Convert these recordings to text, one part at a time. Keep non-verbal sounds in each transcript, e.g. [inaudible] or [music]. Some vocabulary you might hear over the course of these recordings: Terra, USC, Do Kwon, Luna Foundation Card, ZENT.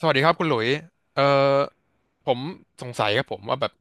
สวัสดีครับคุณหลุยเอ่อผมสงสัยครับผมว่าแบบ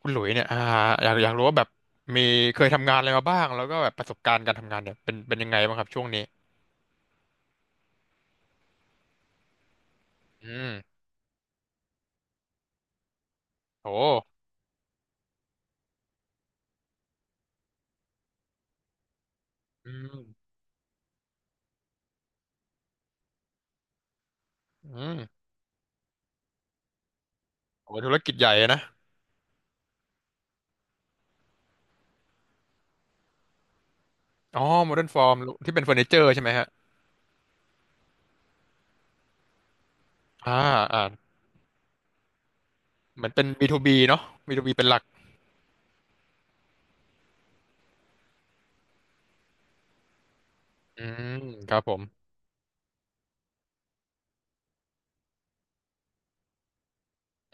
คุณหลุยเนี่ยอยากรู้ว่าแบบมีเคยทำงานอะไรมาบ้างแล้วก็แบบประสบการณ์การทำงานเนี่ยเป็นยังไงบ้างครับช่วงนี้อืมโหอืมอืมโหธุรกิจใหญ่อะนะอ๋อมเร์นฟอร์มที่เป็นเฟอร์นิเจอร์ใช่ไหมฮะอ่าอ่าเหมือนเป็น B2B เนาะบีทูบีเป็นหลักอืมครับผม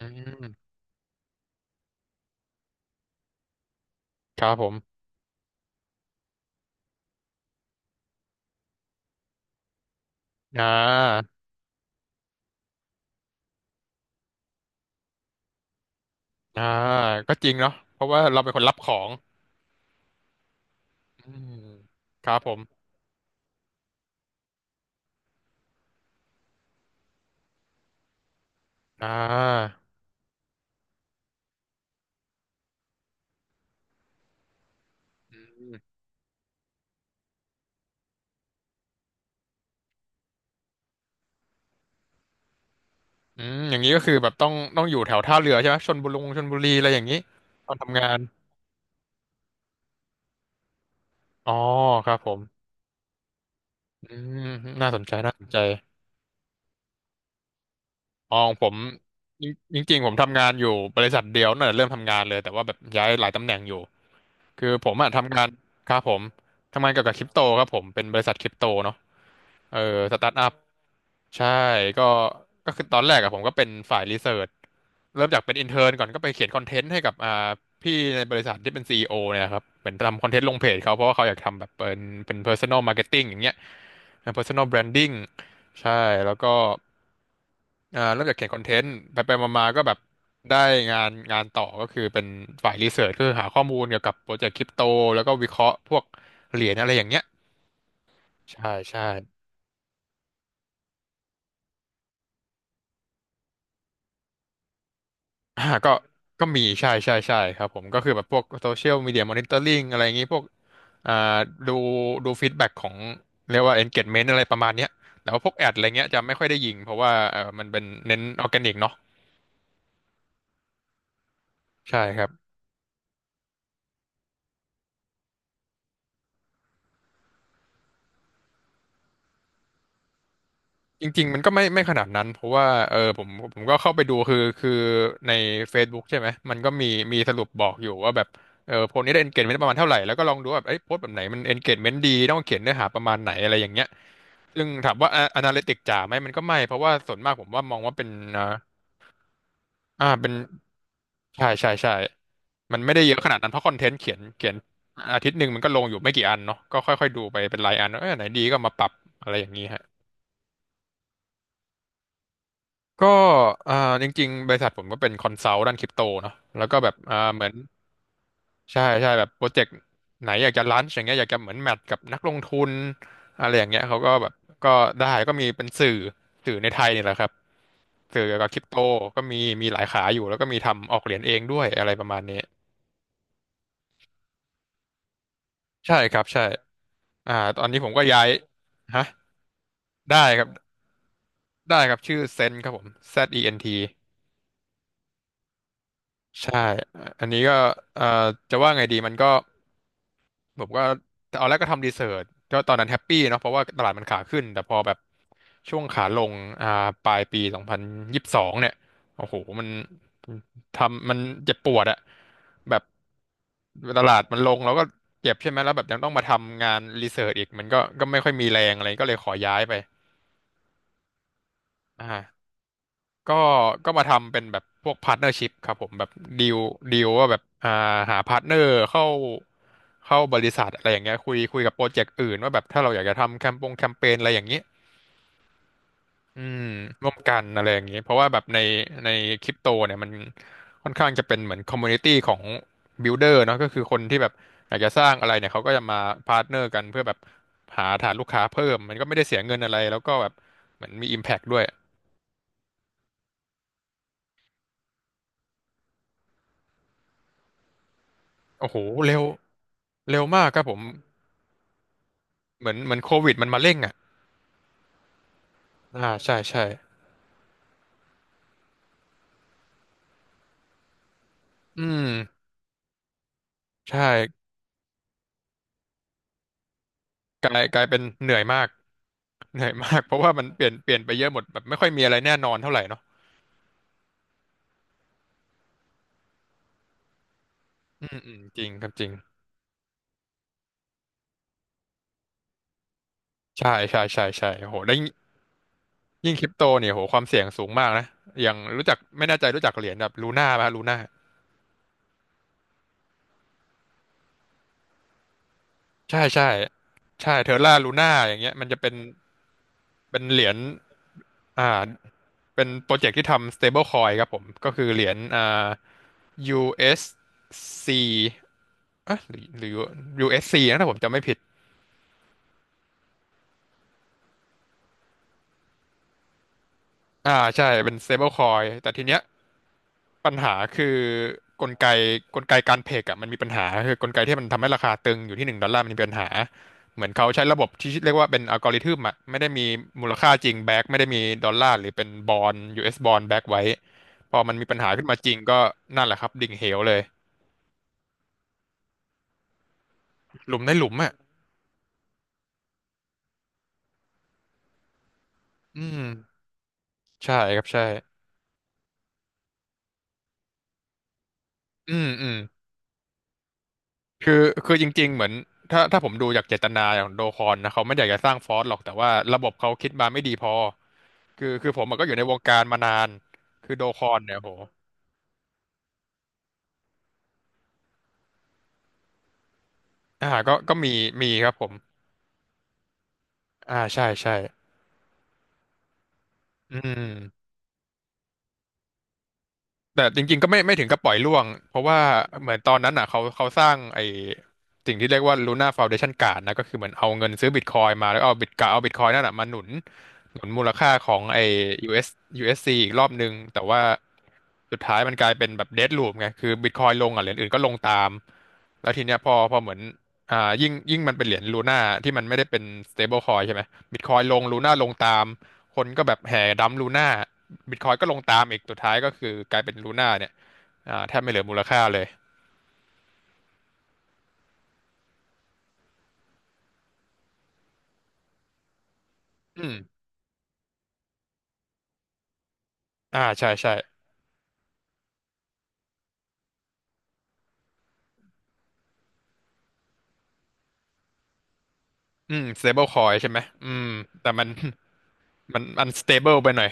อืมครับผมอ่าอ่าก็จริงเนาะเพราะว่าเราเป็นคนรับของอืมครับผมอ่า อืมอย่างนี้ก็คือแบบต้องอยู่แถวท่าเรือใช่ไหมชลบุรีอะไรอย่างนี้ตอนทำงานอ๋อครับผมอืมน่าสนใจน่าสนใจอ๋อของผมจริงจริงๆผมทำงานอยู่บริษัทเดียวน่ะเริ่มทำงานเลยแต่ว่าแบบย้ายหลายตำแหน่งอยู่คือผมอะทำงานครับผมทำงานเกี่ยวกับคริปโตครับผมเป็นบริษัทคริปโตเนาะ เออสตาร์ทอัพใช่ก็ก็คือตอนแรกอะผมก็เป็นฝ่ายรีเสิร์ชเริ่มจากเป็นอินเทอร์นก่อนก็ไปเขียนคอนเทนต์ให้กับพี่ในบริษัทที่เป็นซีอีโอเนี่ยครับเป็นทำคอนเทนต์ลงเพจเขาเพราะว่าเขาอยากทำแบบเป็น personal marketing อย่างเงี้ยเป็น personal branding ใช่แล้วก็เริ่มจากเขียนคอนเทนต์ไปมาๆก็แบบได้งานต่อก็คือเป็นฝ่ายรีเสิร์ชก็คือหาข้อมูลเกี่ยวกับโปรเจกต์คริปโตแล้วก็วิเคราะห์พวกเหรียญอะไรอย่างเงี้ยใช่ใช่ อ่าก็ก็มีใช่ใช่ใช่ครับผมก็คือแบบพวกโซเชียลมีเดียมอนิเตอร์ลิงอะไรอย่างงี้พวกอ่าดูดูฟีดแบ็กของเรียกว่า engagement อะไรประมาณเนี้ยแต่ว่าพวกแอดอะไรเงี้ยจะไม่ค่อยได้ยิงเพราะว่าเออมันเป็นเน้นออร์แกนิกเนาะใช่ครับจริงๆมันก็ไม่ขนาดนั้นเพราะว่าเออผมก็เข้าไปดูคือใน Facebook ใช่ไหมมันก็มีมีสรุปบอกอยู่ว่าแบบเออโพสต์นี้ได้ engagement ประมาณเท่าไหร่แล้วก็ลองดูว่าแบบเอ้ยโพสต์แบบไหนมัน engagement ดีต้องเขียนเนื้อหาประมาณไหนอะไรอย่างเงี้ย ซึ่งถามว่าอนาลิติกจ๋าไหมมันก็ไม่เพราะว่าส่วนมากผมว่ามองว่าเป็นอ่าอ่าเป็นใช่ใช่ใช่มันไม่ได้เยอะขนาดนั้นเพราะคอนเทนต์เขียนอาทิตย์หนึ่งมันก็ลงอยู่ไม่กี่อันเนาะก็ค่อยๆดูไปเป็นรายอันว่าเออไหนดีก็มาปรับอะไรอย่างนี้ฮะก็อ่าจริงๆบริษัทผมก็เป็นคอนซัลท์ด้านคริปโตเนาะแล้วก็แบบเหมือนใช่ใช่แบบโปรเจกต์ไหนอยากจะลันช์อย่างเงี้ยอยากจะเหมือนแมทกับนักลงทุนอะไรอย่างเงี้ยเขาก็แบบก็ได้ก็มีเป็นสื่อในไทยนี่แหละครับ สื่อกับคริปโตก็มีมีหลายขาอยู่แล้วก็มีทำออกเหรียญเองด้วยอะไรประมาณนี้ใช่ครับใช่ตอนนี้ผมก็ย้ายฮะได้ครับได้ครับชื่อเซนครับผม ZENT ใช่อันนี้ก็เอ่อจะว่าไงดีมันก็ ผมก็ตอนแรกก็ทำรีเสิร์ชก็ตอนนั้นแฮปปี้เนาะเพราะว่าตลาดมันขาขึ้นแต่พอแบบช่วงขาลงอ่าปลายปี2022เนี่ยโอ้โหมันทำมันเจ็บปวดอะแบบตลาดมันลงแล้วก็เจ็บใช่ไหมแล้วแบบยังต้องมาทำงานรีเสิร์ชอีกมันก็ก็ไม่ค่อยมีแรงอะไรก็เลยขอย้ายไปอ่า ก็ก็มาทำเป็นแบบพวกพาร์ n เนอร์ชิพครับผมแบบดีลดีลว่าแบบหาพาร์ n เนอร์เข้า เข้าบริษัทอะไรอย่างเงี้ยคุยกับโปรเจกต์อื่นว่าแบบถ้าเราอยากจะทำแคมเปญอะไรอย่างเงี้ยอืมร่วมกันอะไรอย่างเงี้ยเพราะว่าแบบในคริปโตเนี่ยมันค่อนข้างจะเป็นเหมือนคอมมูนิตี้ของบิลเดอร์เนาะก็คือคนที่แบบอยากจะสร้างอะไรเนี่ยเขาก็จะมาพาร์ n เนอร์กันเพื่อแบบหาฐานลูกค้าเพิ่มมันก็ไม่ได้เสียเงินอะไรแล้วก็แบบเหมือนมี Impact ด้วยโอ้โหเร็วเร็วมากครับผม เหมือนเหมือนโควิดมันมาเร่งอ่ะอ่าใช่ใช่อืมใช่กลายกลายเป็นเหนื่อยมากเหนื่อยมากเพราะว่ามันเปลี่ยนเปลี่ยนไปเยอะหมดแบบไม่ค่อยมีอะไรแน่นอนเท่าไหร่เนาะอืมอืมจริงครับจริงใช่ใช่ใช่ใช่โอ้โหแล้วยิ่งยิ่งคริปโตเนี่ยโหความเสี่ยงสูงมากนะอย่างรู้จักไม่แน่ใจรู้จักเหรียญแบบลูน่าไหมลูน่าใช่ใช่ใช่เทอร่าลูน่าอย่างเงี้ยมันจะเป็นเป็นเหรียญอ่าเป็นโปรเจกต์ที่ทำ stable coin ครับผมก็คือเหรียญอ่า USC เอสซีเอ๊ะหรือหรือ USC นะถ้าผมจำไม่ผิด อ่าใช่เป็น stablecoin แต่ทีเนี้ยปัญหาคือกลไกกลไกการเพกอ่ะมันมีปัญหาคือกลไกที่มันทำให้ราคาตึงอยู่ที่หนึ่งดอลลาร์มันมีปัญหาเหมือนเขาใช้ระบบที่เรียกว่าเป็นอัลกอริทึมอ่ะไม่ได้มีมูลค่าจริงแบ็กไม่ได้มีดอลลาร์หรือเป็นบอล US บอลแบ็กไว้พอมันมีปัญหาขึ้นมาจริงก็นั่นแหละครับดิ่งเหวเลยหลุมในหลุมอ่ะอืมใช่ครับใช่อืมอืม คือคือจริงๆเหมือนถ้าถ้าผมดูจากเจตนาของโดคอนนะเขาไม่อยากจะสร้างฟอร์สหรอกแต่ว่าระบบเขาคิดมาไม่ดีพอคือคือผมอะก็อยู่ในวงการมานานคือโดคอนเนี่ยโหอ่าก็ก็มีมีครับผมอ่าใช่ใช่อืม แต่จริงๆก็ไม่ไม่ถึงกับปล่อยร่วงเพราะว่าเหมือนตอนนั้นอ่ะเขาเขาสร้างไอ้สิ่งที่เรียกว่า Luna Foundation Card นะก็คือเหมือนเอาเงินซื้อบิตคอยมาแล้วเอาบิตกะเอาบิตคอยนั่นอ่ะมาหนุนหนุนมูลค่าของไอ้ US USC อสยูเอสซีอีกรอบนึงแต่ว่าสุดท้ายมันกลายเป็นแบบเดดลูปไงคือบิตคอยลงอ่ะเหรียญอื่นก็ลงตามแล้วทีเนี้ยพอพอเหมือนอ่ายิ่งยิ่งมันเป็นเหรียญลูน่าที่มันไม่ได้เป็น stable coin ใช่ไหมบิตคอยลงลูน่าลงตามคนก็แบบแห่ดัมลูน่า บิตคอยก็ลงตามอีกสุดท้ายก็คือกลายเป็นลูน่าเนี่ยอ่าแทบไม่เหลือมูลค่าเลยอืมอ่าใช่ใช่อืม stable coin ใช่ไหมอืมแต่มัน [laughs] มันมัน stable ไปหน่อย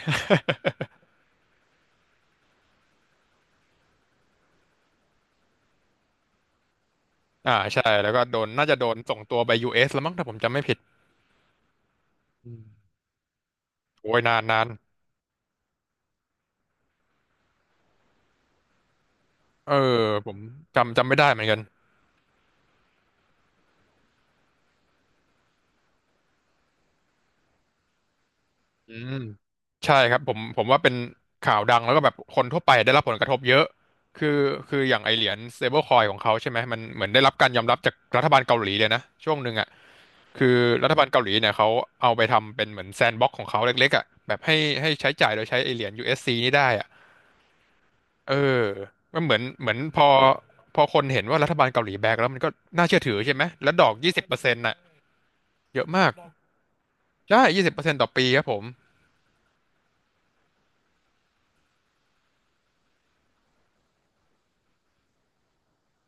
[laughs] อ่าใช่แล้วก็โดนน่าจะโดนส่งตัวไป US แล้วมั้งถ้าผมจำไม่ผิดอืมโอ้ยนานนานเออผมจำจำไม่ได้เหมือนกัน อืมใช่ครับผมผมว่าเป็นข่าวดังแล้วก็แบบคนทั่วไปได้รับผลกระทบเยอะคือคืออย่างไอเหรียญ stablecoin ของเขาใช่ไหมมันเหมือนได้รับการยอมรับจากรัฐบาลเกาหลีเลยนะช่วงหนึ่งอ่ะคือรัฐบาลเกาหลีเนี่ยเขาเอาไปทำเป็นเหมือนแซนด์บ็อกของเขาเล็กๆอ่ะแบบให้ให้ใช้จ่ายโดยใช้ไอเหรียญ USC นี่ได้อ่ะเออมันเหมือนเหมือนพอพอคนเห็นว่ารัฐบาลเกาหลีแบกแล้วมันก็น่าเชื่อถือใช่ไหมแล้วดอกยี่สิบเปอร์เซ็นต์น่ะเยอะมากใช่ยี่สิบเปอร์เซ็นต์ต่อปีครับผม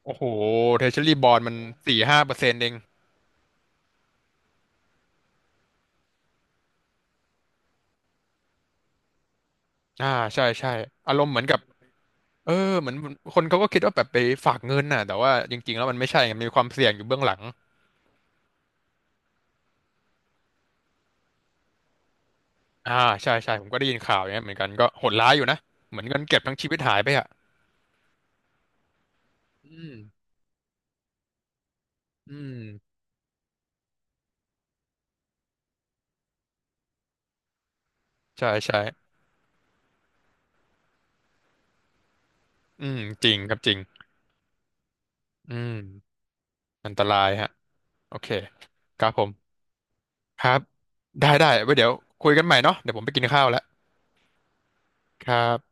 โอ้โหเทเชอลีบอลมัน4-5%เองอ่าใช่ใช่อารมณ์เหมือนกับเออเหมือนคนเขาก็คิดว่าแบบไปฝากเงินน่ะแต่ว่าจริงๆแล้วมันไม่ใช่ไงมันมีความเสี่ยงอยู่เบื้องหลังอ่าใช่ใช่ผมก็ได้ยินข่าวอย่างเงี้ยเหมือนกันก็โหดร้ายอยู่นะเหมือนเงินเก็บทั้งชีวิตหายไปอ่ะอืมอืมใช่ใช่อืมจริงครับจริงอืมอันตรายฮะโอเคครับผมครับได้ได้ไว้เดี๋ยวคุยกันใหม่เนาะเดี๋ยวผมไปกินข้าวแล้วครับ